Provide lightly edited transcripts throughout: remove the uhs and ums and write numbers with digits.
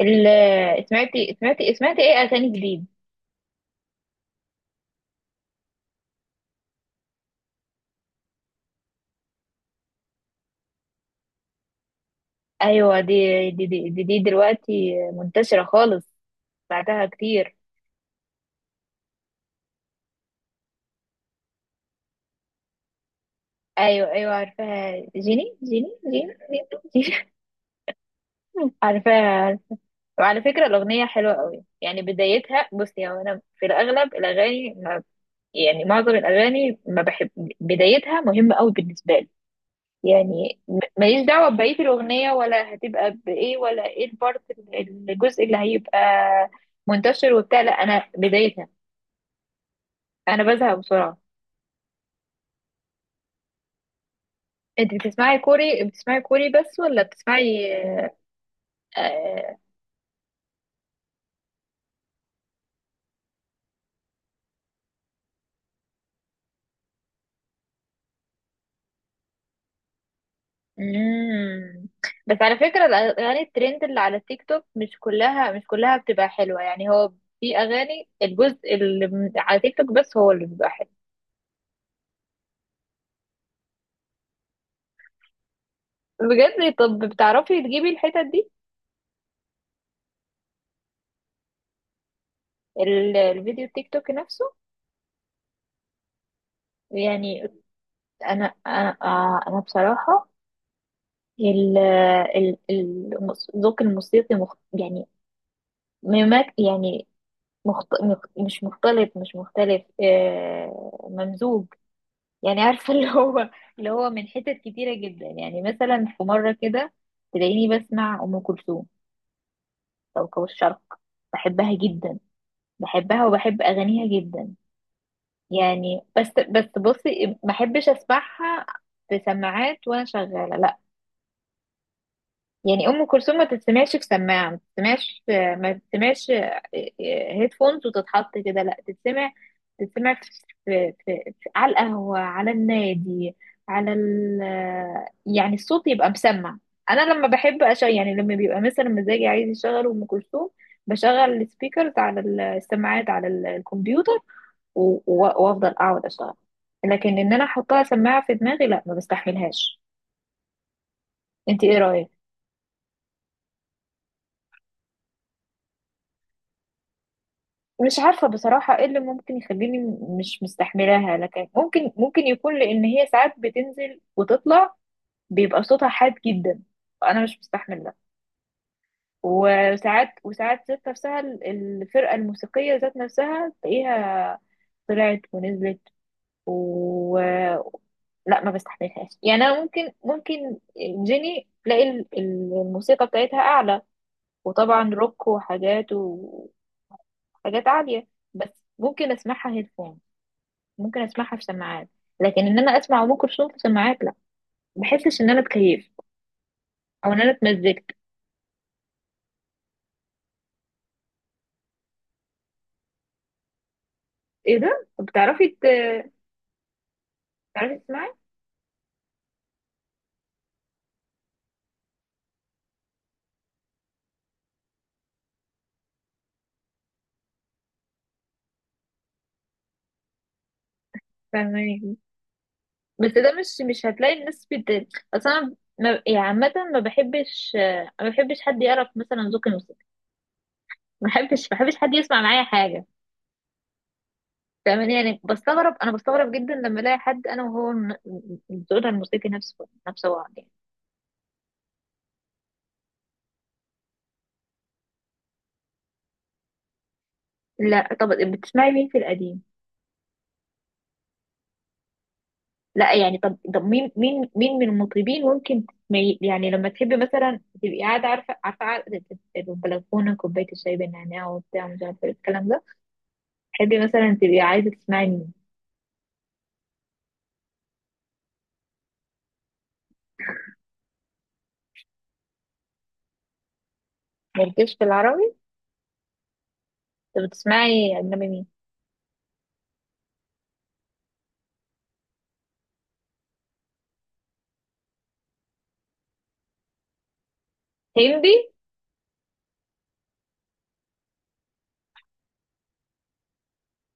سمعتي ايه اغاني جديد؟ ايوه دي دلوقتي منتشره خالص بعدها كتير. ايوه ايوه عارفاها، جيني، جيني. عارفاها عارفاها. وعلى فكره الاغنيه حلوه قوي، يعني بدايتها. بصي، هو انا في الاغلب الاغاني ما، يعني معظم الاغاني ما بحب. بدايتها مهمه قوي بالنسبه لي، يعني ماليش دعوة ببقية الأغنية ولا هتبقى بإيه ولا إيه البارت الجزء اللي هيبقى منتشر وبتاع، لا أنا بدايتها، أنا بزهق بسرعة. أنت بتسمعي كوري، بس، ولا بتسمعي؟ آه... مم. بس على فكرة الأغاني الترند اللي على التيك توك مش كلها، بتبقى حلوة. يعني هو في أغاني الجزء اللي على تيك توك بس هو اللي بيبقى حلو. بجد؟ طب بتعرفي تجيبي الحتت دي، الفيديو التيك توك نفسه يعني؟ انا بصراحه الذوق الموسيقي مخ يعني، ممك يعني، مخت مخ مش مختلط مش مختلف، ممزوج يعني. عارفه اللي هو، اللي هو من حتت كتيره جدا. يعني مثلا في مره كده تلاقيني بسمع ام كلثوم، كوكب الشرق. بحبها جدا، بحبها وبحب اغانيها جدا. يعني بس بصي، ما احبش اسمعها في سماعات وانا شغاله، لا. يعني ام كلثوم ما تتسمعش في سماعه، ما تتسمعش هيدفونز وتتحط كده، لا. تتسمع، تتسمع في على القهوه، على النادي، على ال، يعني الصوت يبقى مسمع. انا لما بحب أشغل، يعني لما بيبقى مثلا مزاجي عايز يشغل ام كلثوم، بشغل السبيكرز على، السماعات على الكمبيوتر وافضل اقعد اشتغل. لكن ان انا احطها سماعه في دماغي، لا، ما بستحملهاش. انت ايه رايك؟ مش عارفة بصراحة ايه اللي ممكن يخليني مش مستحملاها، لكن ممكن، ممكن يكون لأن هي ساعات بتنزل وتطلع، بيبقى صوتها حاد جدا، وأنا مش مستحمل ده. وساعات، ذات نفسها الفرقة الموسيقية ذات نفسها تلاقيها طلعت ونزلت، و، لا ما بستحملهاش. يعني أنا ممكن، جيني تلاقي الموسيقى بتاعتها أعلى، وطبعا روك، وحاجات عالية، بس ممكن أسمعها هيدفون، ممكن اسمعها في سماعات. لكن ان انا اسمع ام كلثوم في سماعات، لا، ما بحسش ان انا اتكيفت او ان انا اتمزجت. ايه ده؟ طب بتعرفي تسمعي؟ فاهماني؟ بس ده مش، مش هتلاقي الناس بت، اصلا ما... يعني عامه ما بحبش، حد يعرف مثلا ذوق الموسيقى، ما بحبش حد يسمع معايا حاجه. فاهماني؟ يعني بستغرب، انا بستغرب جدا لما الاقي حد انا وهو ذوقنا الموسيقي نفسه بعض يعني. لا طب، بتسمعي مين في القديم؟ لا يعني، طب طب، مين من المطربين ممكن تسمعي يعني لما تحبي مثلا تبقي قاعده، عارفه قاعدة البلكونه، كوبايه الشاي بالنعناع وبتاع، مش عارفه إيه الكلام ده، تحبي مثلا تبقي عايزه تسمعي مين؟ مالكيش في العربي؟ طب بتسمعي اجنبي مين؟ هندي؟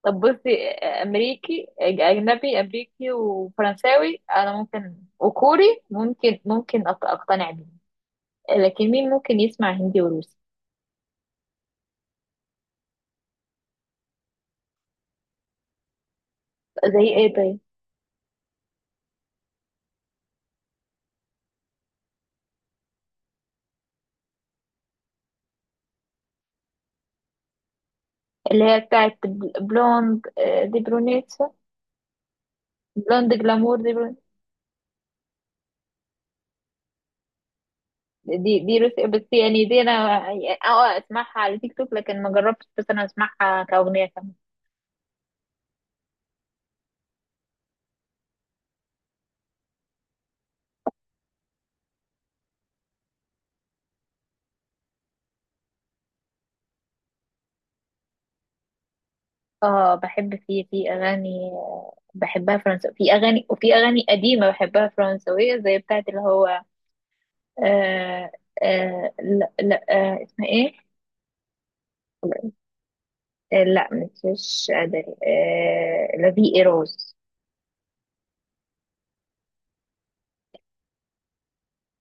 طب بصي، امريكي، اجنبي امريكي وفرنساوي انا ممكن، وكوري ممكن، ممكن اقتنع بيه. لكن مين ممكن يسمع هندي وروسي؟ زي ايه طيب؟ اللي هي بتاعت بلوند، دي برونيت، بلوند جلامور، دي دي روس بس. يعني دي انا اه، اسمعها على تيك توك لكن ما جربتش، بس انا اسمعها كأغنية كمان. اه بحب، في اغاني بحبها فرنسا، في اغاني وفي اغاني قديمة بحبها فرنسوية زي بتاعت اللي هو، آه آه لا لا آه اسمها ايه، آه لا مش مش قادر آه لا في ايروز.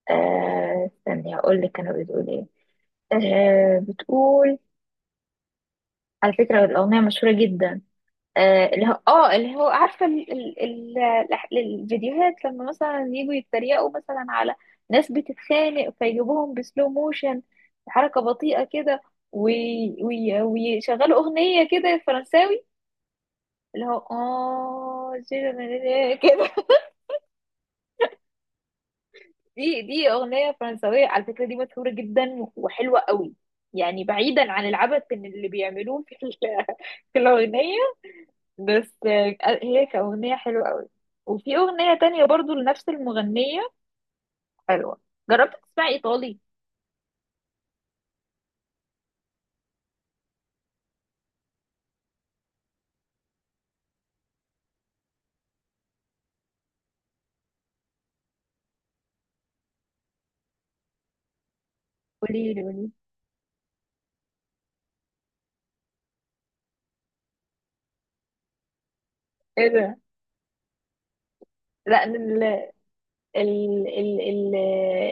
استني هقول لك كانوا بتقول ايه. بتقول، على فكرة الأغنية مشهورة جدا، اللي هو اللي هو عارفه الفيديوهات لما مثلا يجوا يتريقوا مثلا على ناس بتتخانق فيجيبوهم بسلو موشن، حركه بطيئه كده، وي... ويشغلوا اغنيه كده فرنساوي اللي هو اه كده. دي دي اغنيه فرنساويه على فكره، دي مشهوره جدا وحلوه قوي، يعني بعيدا عن العبث اللي بيعملوه في في الاغنيه، بس هي كأغنية حلوة قوي. وفي أغنية تانية برضو لنفس المغنية حلوة. جربت تسمعي إيطالي؟ قولي لي ايه ده. لا أنا ال ال ال ال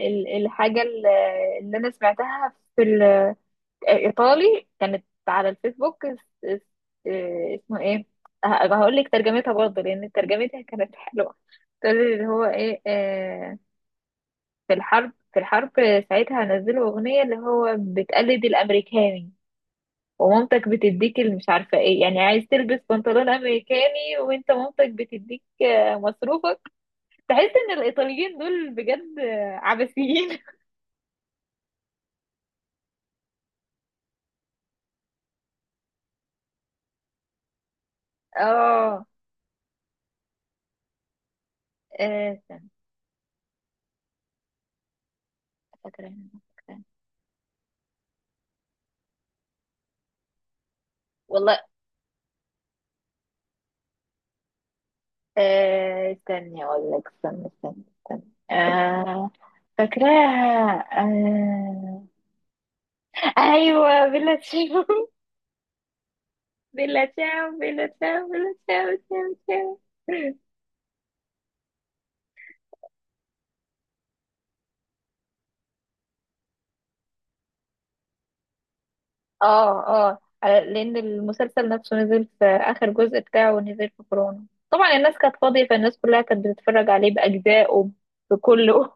ال الحاجة اللي أنا سمعتها في الإيطالي كانت على الفيسبوك اس- اسمه ايه، هقول لك ترجمتها برضه لأن ترجمتها كانت حلوة. تقول اللي هو ايه، في الحرب، ساعتها نزلوا أغنية اللي هو بتقلد الأمريكاني، ومامتك بتديك اللي مش عارفة ايه، يعني عايز تلبس بنطلون امريكاني وانت مامتك بتديك، مصروفك. تحس ان الايطاليين دول بجد عبثيين. اه استنى، فاكرة هنا، فاكرة. والله استني اقول لك، استنى، آه، فاكراها ايوه. بلا تشاو بلا تشاو، تشاو تشاو. اه اه، لان المسلسل نفسه نزل في اخر جزء بتاعه، نزل في كورونا، طبعا الناس كانت فاضيه، فالناس كلها كانت بتتفرج عليه باجزائه بكله.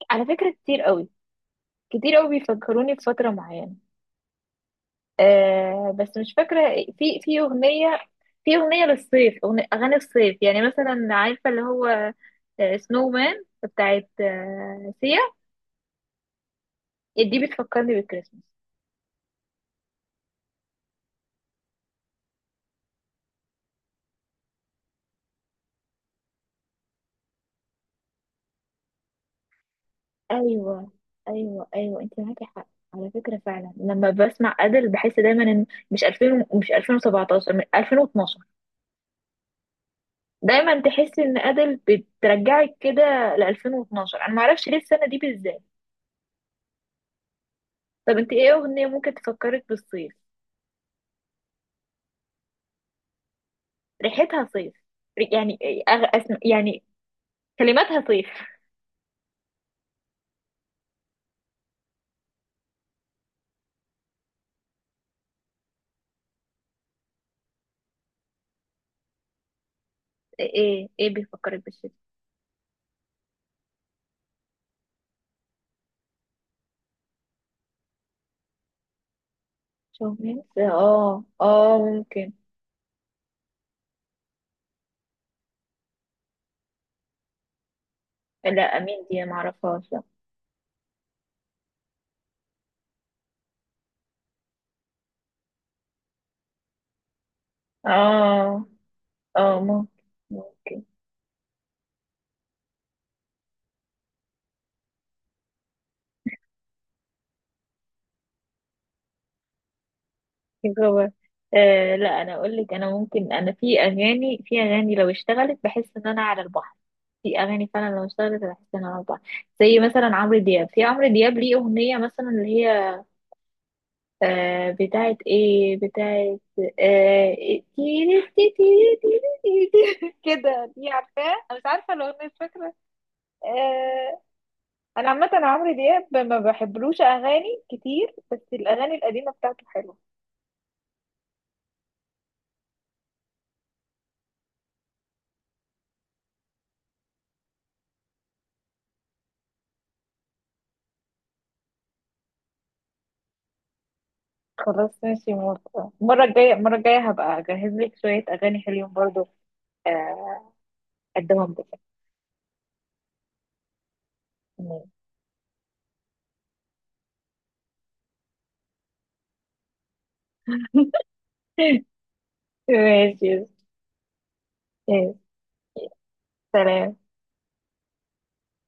على فكره كتير قوي، كتير قوي بيفكروني بفتره معينه. آه بس مش فاكره. في اغنيه، في اغنيه للصيف، أغنية اغاني الصيف يعني، مثلا عارفه اللي هو سنو مان بتاعت سيا؟ دي بتفكرني بالكريسماس. ايوه ايوه انت معاكي حق. على فكره فعلا لما بسمع ادل بحس دايما ان، مش 2000 ومش 2017، من 2012. دايما تحس ان ادل بترجعك كده ل 2012، انا ما اعرفش ليه السنه دي بالذات. طب انت ايه اغنيه ممكن تفكرك بالصيف؟ ريحتها صيف، يعني إيه يعني كلماتها صيف. ايه؟ ايه بيفكرك بالشتاء؟ شومين، اه اه ممكن. لا امين دي ما اعرفهاش، لا. اه اه ممكن، ممكن جوه. آه لا انا اقول لك، انا ممكن، انا في اغاني، لو اشتغلت بحس ان انا على البحر. في اغاني فعلا لو اشتغلت بحس ان انا على البحر زي مثلا عمرو دياب. في عمرو دياب ليه اغنيه مثلا اللي هي، بتاعت ايه، بتاعت، آه إيه، تيري تيري كده، دي عارفاه؟ انا مش عارفه الاغنيه، مش فاكره. آه انا عامه عمرو دياب ما بحبلوش اغاني كتير، بس الاغاني القديمه بتاعته حلوه. خلاص ماشي، موافقة. المرة الجاية، المرة الجاية هبقى أجهز لك شوية أغاني حلوين برضو، آه، أقدمهم لك. ماشي. ماشي. سلام.